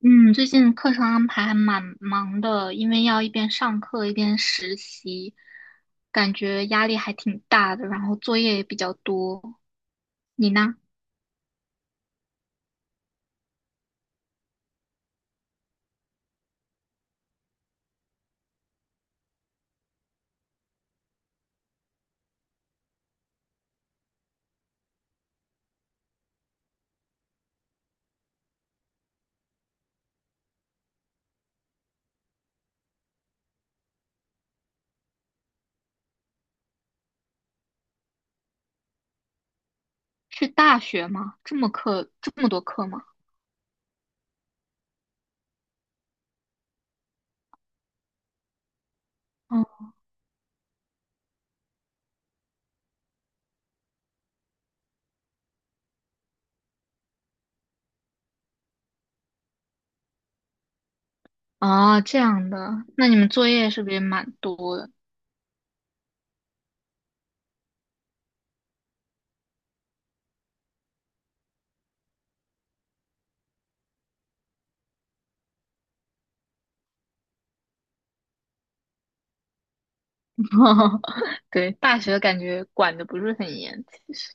嗯，最近课程安排还蛮忙的，因为要一边上课一边实习，感觉压力还挺大的，然后作业也比较多。你呢？是大学吗？这么课，这么多课吗？哦，哦,这样的，那你们作业是不是也蛮多的？对，大学感觉管的不是很严，其实。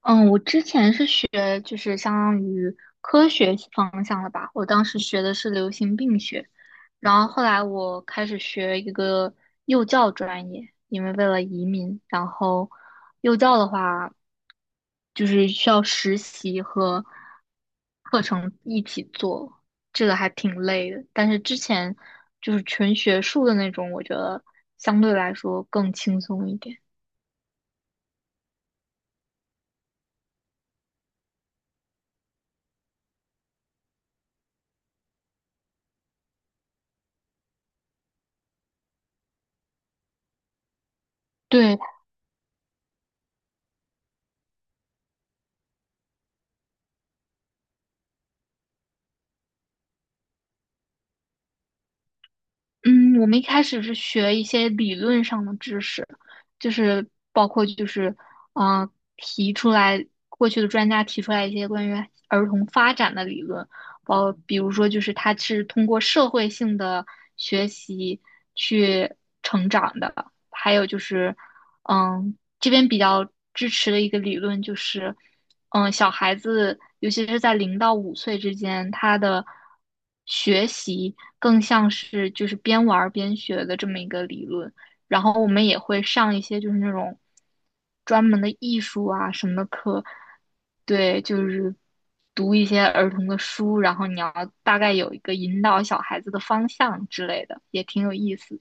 嗯，我之前是学就是相当于科学方向的吧，我当时学的是流行病学，然后后来我开始学一个幼教专业，因为为了移民，然后幼教的话就是需要实习和课程一起做，这个还挺累的。但是之前就是纯学术的那种，我觉得相对来说更轻松一点。对，嗯，我们一开始是学一些理论上的知识，就是包括就是，嗯、提出来过去的专家提出来一些关于儿童发展的理论，包比如说就是他是通过社会性的学习去成长的，还有就是。嗯，这边比较支持的一个理论就是，嗯，小孩子，尤其是在0到5岁之间，他的学习更像是就是边玩儿边学的这么一个理论。然后我们也会上一些就是那种专门的艺术啊什么的课，对，就是读一些儿童的书，然后你要大概有一个引导小孩子的方向之类的，也挺有意思。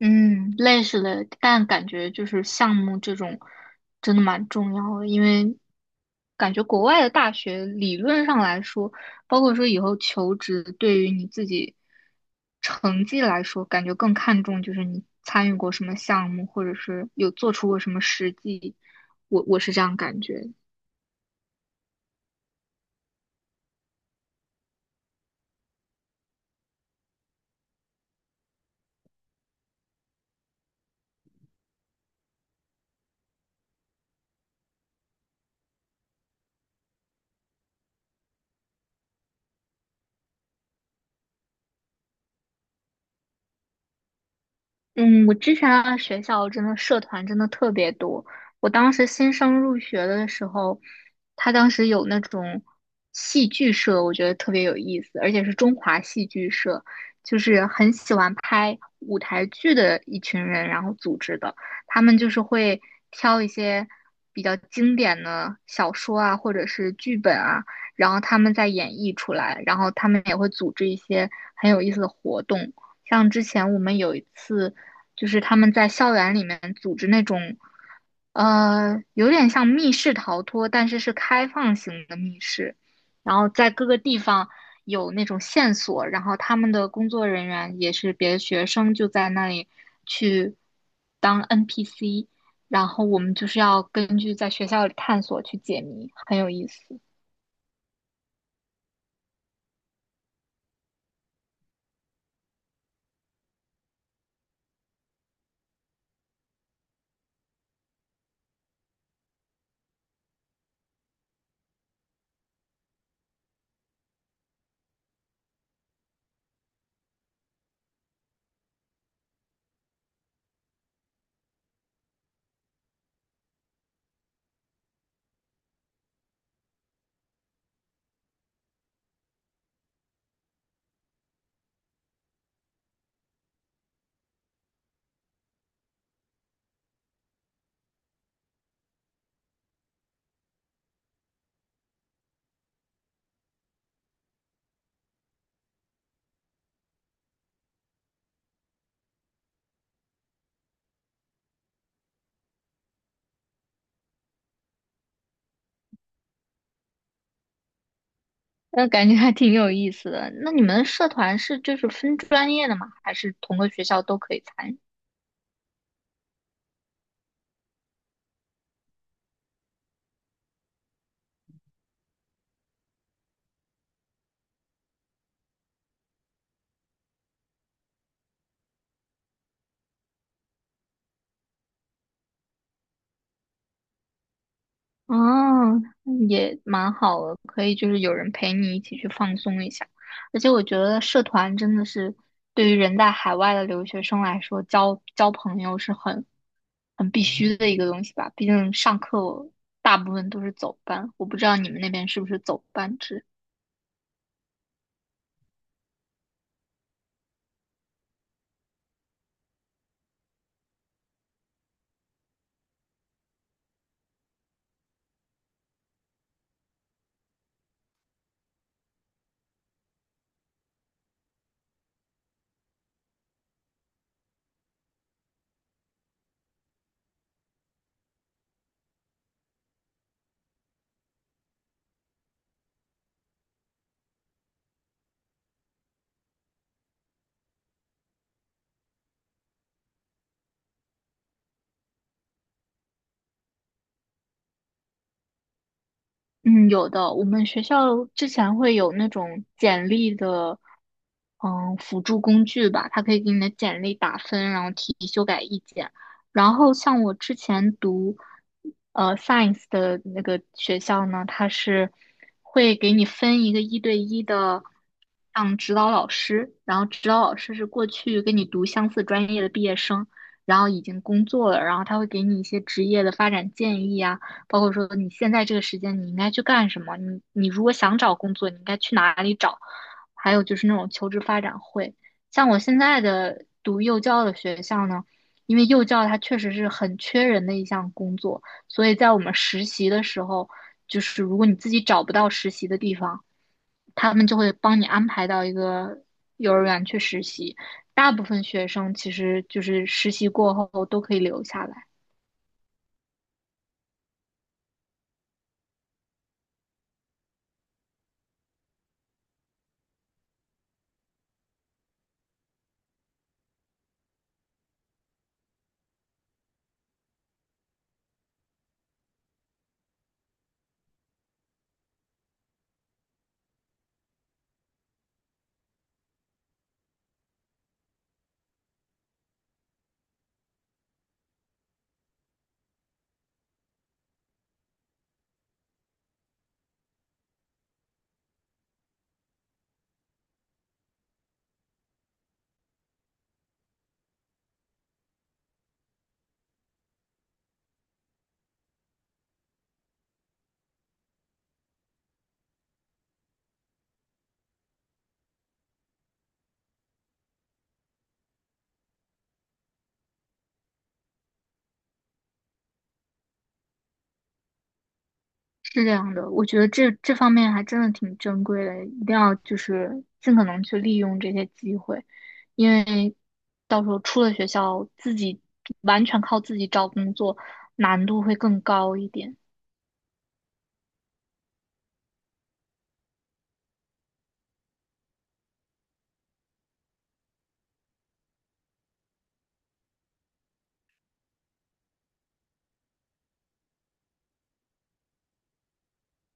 嗯，类似的，但感觉就是项目这种真的蛮重要的，因为感觉国外的大学理论上来说，包括说以后求职，对于你自己成绩来说，感觉更看重就是你参与过什么项目，或者是有做出过什么实际，我是这样感觉。嗯，我之前的学校真的社团真的特别多。我当时新生入学的时候，他当时有那种戏剧社，我觉得特别有意思，而且是中华戏剧社，就是很喜欢拍舞台剧的一群人，然后组织的。他们就是会挑一些比较经典的小说啊，或者是剧本啊，然后他们在演绎出来，然后他们也会组织一些很有意思的活动。像之前我们有一次就是他们在校园里面组织那种，有点像密室逃脱，但是是开放型的密室，然后在各个地方有那种线索，然后他们的工作人员也是别的学生，就在那里去当 NPC,然后我们就是要根据在学校里探索去解谜，很有意思。那感觉还挺有意思的。那你们社团是就是分专业的吗？还是同个学校都可以参与？哦，也蛮好的，可以就是有人陪你一起去放松一下。而且我觉得社团真的是对于人在海外的留学生来说，交交朋友是很很必须的一个东西吧。毕竟上课大部分都是走班，我不知道你们那边是不是走班制。嗯，有的。我们学校之前会有那种简历的，嗯，辅助工具吧，它可以给你的简历打分，然后提修改意见。然后像我之前读，science 的那个学校呢，它是会给你分一个一对一的，像指导老师，然后指导老师是过去跟你读相似专业的毕业生，然后已经工作了，然后他会给你一些职业的发展建议啊。包括说你现在这个时间你应该去干什么，你如果想找工作，你应该去哪里找，还有就是那种求职发展会。像我现在的读幼教的学校呢，因为幼教它确实是很缺人的一项工作，所以在我们实习的时候，就是如果你自己找不到实习的地方，他们就会帮你安排到一个幼儿园去实习。大部分学生其实就是实习过后都可以留下来。是这样的，我觉得这方面还真的挺珍贵的，一定要就是尽可能去利用这些机会，因为到时候出了学校，自己完全靠自己找工作，难度会更高一点。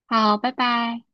好，拜拜。